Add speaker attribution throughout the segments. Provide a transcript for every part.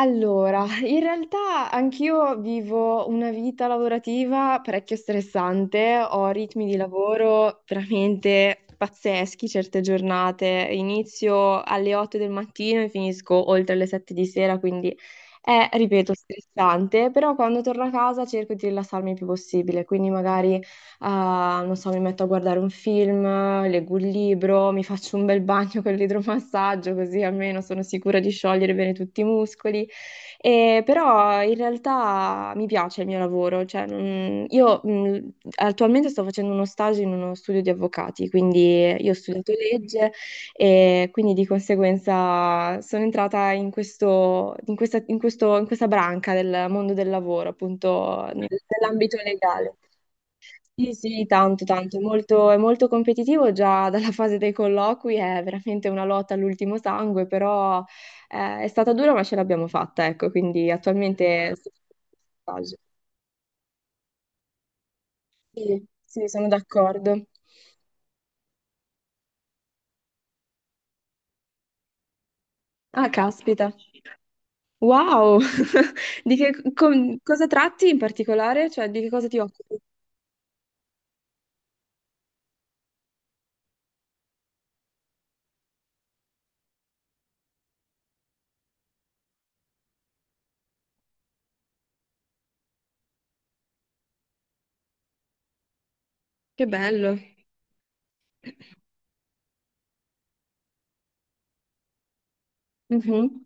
Speaker 1: Allora, in realtà anch'io vivo una vita lavorativa parecchio stressante, ho ritmi di lavoro veramente pazzeschi certe giornate, inizio alle 8 del mattino e finisco oltre le 7 di sera, quindi è, ripeto, stressante, però quando torno a casa cerco di rilassarmi il più possibile, quindi magari, ah, non so, mi metto a guardare un film, leggo un libro, mi faccio un bel bagno con l'idromassaggio, così almeno sono sicura di sciogliere bene tutti i muscoli. E però in realtà mi piace il mio lavoro, cioè, io attualmente sto facendo uno stage in uno studio di avvocati, quindi io ho studiato legge e quindi di conseguenza sono entrata in questa branca del mondo del lavoro, appunto nell'ambito legale. Sì, sì, tanto, tanto, è molto competitivo già dalla fase dei colloqui, è veramente una lotta all'ultimo sangue, però è stata dura ma ce l'abbiamo fatta, ecco, quindi attualmente... Sì, sì, sono d'accordo. Ah, caspita. Wow! Di che cosa tratti in particolare? Cioè, di che cosa ti occupi? Che bello. Mhm.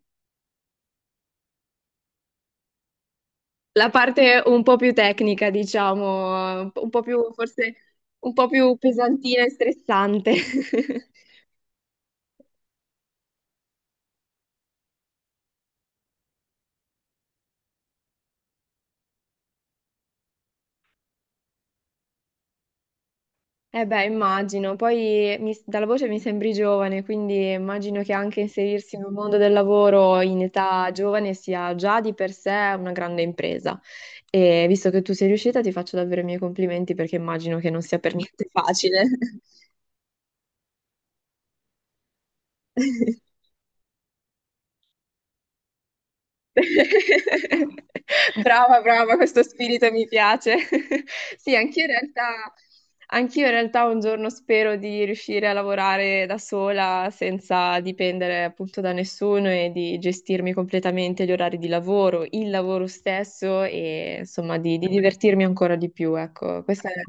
Speaker 1: La parte un po' più tecnica, diciamo, un po' più forse un po' più pesantina e stressante. Eh beh, immagino. Poi dalla voce mi sembri giovane, quindi immagino che anche inserirsi nel mondo del lavoro in età giovane sia già di per sé una grande impresa. E visto che tu sei riuscita, ti faccio davvero i miei complimenti perché immagino che non sia per niente facile. Brava, brava, questo spirito mi piace. Sì, anch'io in realtà un giorno spero di riuscire a lavorare da sola senza dipendere appunto da nessuno e di gestirmi completamente gli orari di lavoro, il lavoro stesso e insomma di, divertirmi ancora di più. Ecco, questa è.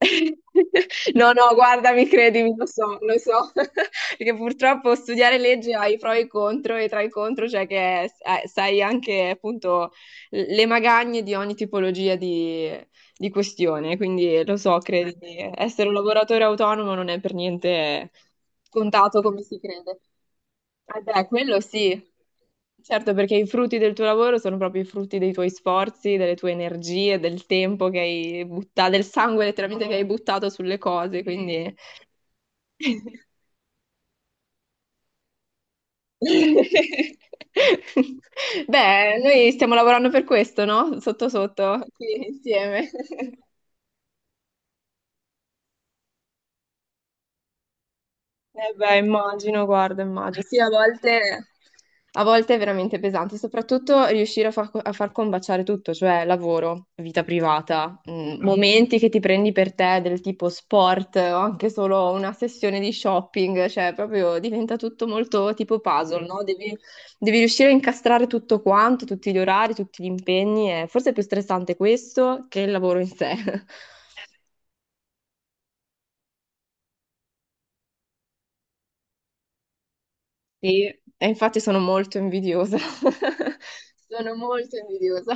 Speaker 1: No, no, guardami, credimi, lo so, perché purtroppo studiare legge ha i pro e i contro, e tra i contro c'è che sai anche appunto le magagne di ogni tipologia di questione, quindi lo so, credimi, essere un lavoratore autonomo non è per niente scontato come si crede. Eh beh, quello sì, certo, perché i frutti del tuo lavoro sono proprio i frutti dei tuoi sforzi, delle tue energie, del tempo che hai buttato, del sangue letteralmente che hai buttato sulle cose, quindi... Beh, noi stiamo lavorando per questo, no? Sotto sotto, qui insieme. Eh beh, immagino, guarda, immagino. Sì, a volte, è veramente pesante, soprattutto riuscire a far combaciare tutto, cioè lavoro, vita privata, momenti che ti prendi per te del tipo sport o anche solo una sessione di shopping, cioè proprio diventa tutto molto tipo puzzle, no? Devi riuscire a incastrare tutto quanto, tutti gli orari, tutti gli impegni, e forse è più stressante questo che il lavoro in sé. Sì, e infatti sono molto invidiosa. Sono molto invidiosa.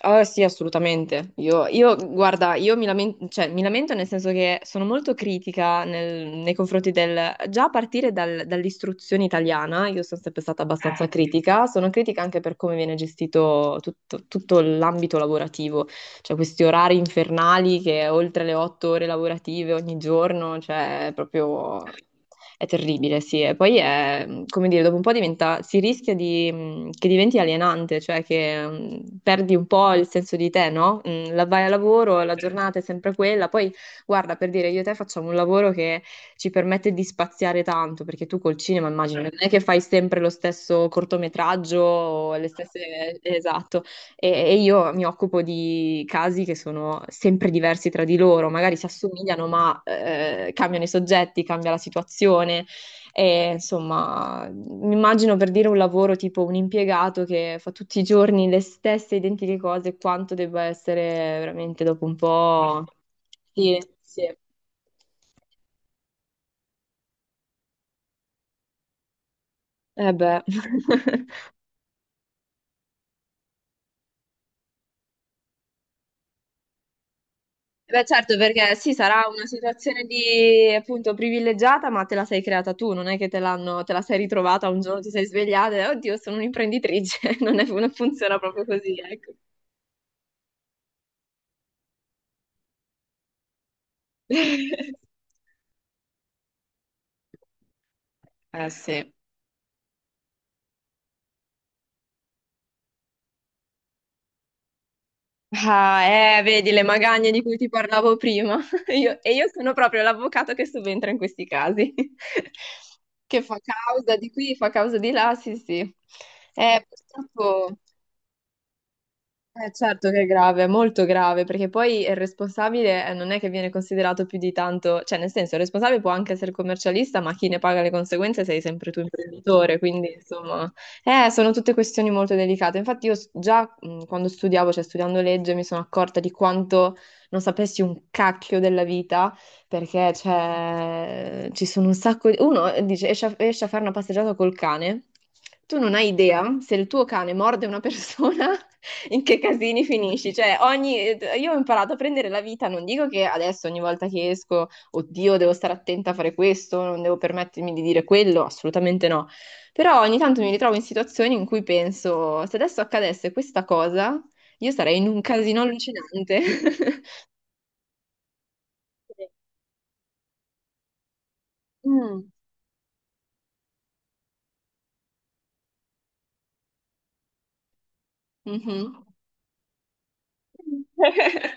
Speaker 1: Ah, sì, assolutamente. Io, guarda, io mi lamento, cioè, mi lamento nel senso che sono molto critica nei confronti del... Già a partire dall'istruzione italiana, io sono sempre stata abbastanza critica. Sono critica anche per come viene gestito tutto tutto l'ambito lavorativo cioè questi orari infernali che oltre le 8 ore lavorative ogni giorno, cioè è proprio è terribile, sì. E poi è, come dire, dopo un po' diventa, si rischia di, che diventi alienante, cioè che perdi un po' il senso di te, no? La vai a lavoro, la giornata è sempre quella, poi guarda, per dire, io e te facciamo un lavoro che ci permette di spaziare tanto, perché tu col cinema immagino, non è che fai sempre lo stesso cortometraggio o le stesse... Esatto. E io mi occupo di casi che sono sempre diversi tra di loro, magari si assomigliano, ma cambiano i soggetti, cambia la situazione. E, insomma, mi immagino per dire un lavoro tipo un impiegato che fa tutti i giorni le stesse identiche cose, quanto debba essere veramente dopo un po'. Sì, sì. Eh beh. Beh, certo, perché sì, sarà una situazione di appunto privilegiata, ma te la sei creata tu, non è che te l'hanno, te la sei ritrovata un giorno, ti sei svegliata e oddio, sono un'imprenditrice, non funziona proprio così, ecco. Eh sì. Ah, vedi le magagne di cui ti parlavo prima. E io sono proprio l'avvocato che subentra in questi casi, che fa causa di qui, fa causa di là, sì, sì. Purtroppo. Certo che è grave, è molto grave, perché poi il responsabile non è che viene considerato più di tanto, cioè nel senso il responsabile può anche essere commercialista, ma chi ne paga le conseguenze sei sempre tu imprenditore, quindi insomma, sono tutte questioni molto delicate. Infatti io già quando studiavo, cioè studiando legge, mi sono accorta di quanto non sapessi un cacchio della vita perché cioè, ci sono un sacco di... Uno dice, esci a fare una passeggiata col cane, tu non hai idea se il tuo cane morde una persona, in che casini finisci. Cioè, ogni... Io ho imparato a prendere la vita, non dico che adesso ogni volta che esco, oddio, devo stare attenta a fare questo, non devo permettermi di dire quello, assolutamente no. Però ogni tanto mi ritrovo in situazioni in cui penso, se adesso accadesse questa cosa, io sarei in un casino allucinante. Sì. Mm. Mhm.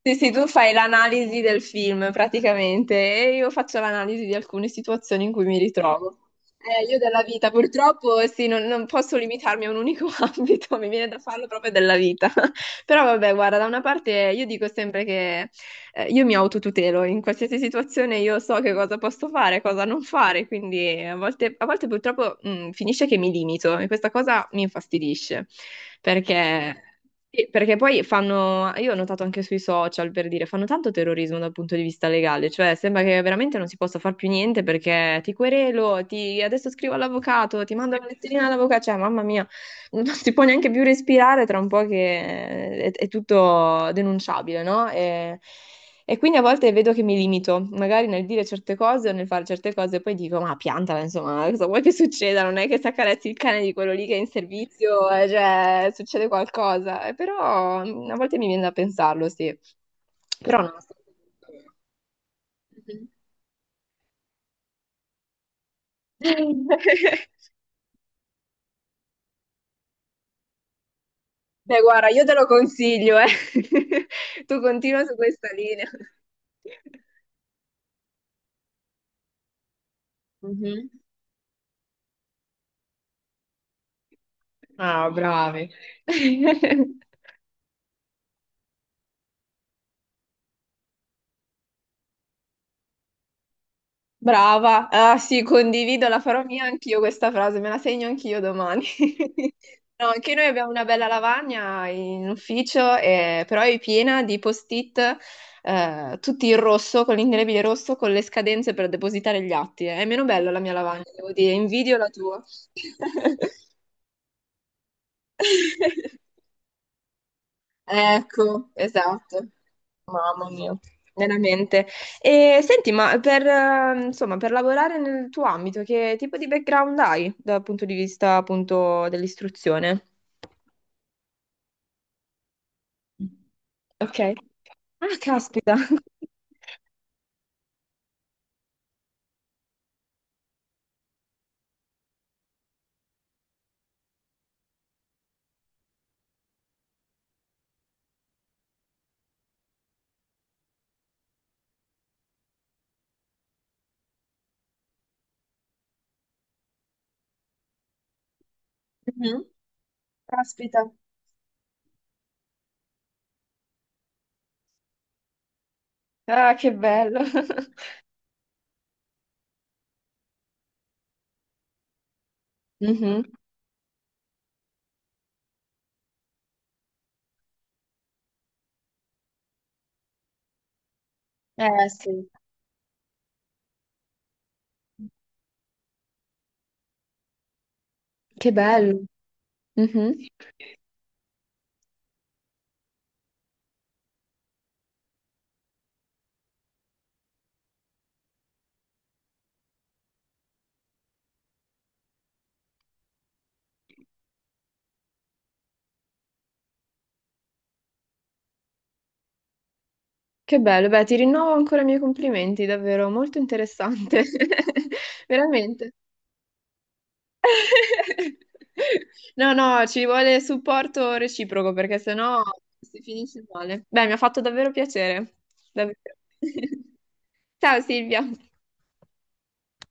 Speaker 1: Sì, sì, tu fai l'analisi del film praticamente e io faccio l'analisi di alcune situazioni in cui mi ritrovo. Io della vita, purtroppo, sì, non posso limitarmi a un unico ambito, mi viene da farlo proprio della vita. Però vabbè, guarda, da una parte io dico sempre che io mi autotutelo, in qualsiasi situazione io so che cosa posso fare, cosa non fare, quindi a volte purtroppo finisce che mi limito e questa cosa mi infastidisce, perché... Sì, perché poi fanno, io ho notato anche sui social per dire, fanno tanto terrorismo dal punto di vista legale, cioè sembra che veramente non si possa far più niente perché ti querelo, ti, adesso scrivo all'avvocato, ti mando la letterina all'avvocato, cioè mamma mia, non si può neanche più respirare tra un po' che è tutto denunciabile, no? E quindi a volte vedo che mi limito, magari nel dire certe cose o nel fare certe cose, e poi dico, ma piantala, insomma, cosa vuoi che succeda? Non è che se accarezzi il cane di quello lì che è in servizio, cioè, succede qualcosa. Però a volte mi viene da pensarlo, sì. Però no. Mhm. Beh, guarda, io te lo consiglio, eh. Tu continua su questa linea. Mhm. Ah, bravi. Brava, ah sì, condivido, la farò mia anch'io questa frase, me la segno anch'io domani. No, anche noi abbiamo una bella lavagna in ufficio, però è piena di post-it, tutti in rosso, con l'indelebile rosso, con le scadenze per depositare gli atti. È meno bella la mia lavagna, devo dire, invidio la tua. Ecco, esatto. Mamma mia, veramente. E senti, ma insomma, per lavorare nel tuo ambito, che tipo di background hai dal punto di vista appunto dell'istruzione? Ok. Ah, caspita. Mhm. Caspita. Ah, che bello. Mhm. Eh sì. Che bello. Mhm. Che bello. Beh, ti rinnovo ancora i miei complimenti, davvero molto interessante. Veramente. No, no, ci vuole supporto reciproco perché sennò si finisce male. Beh, mi ha fatto davvero piacere. Davvero. Ciao Silvia.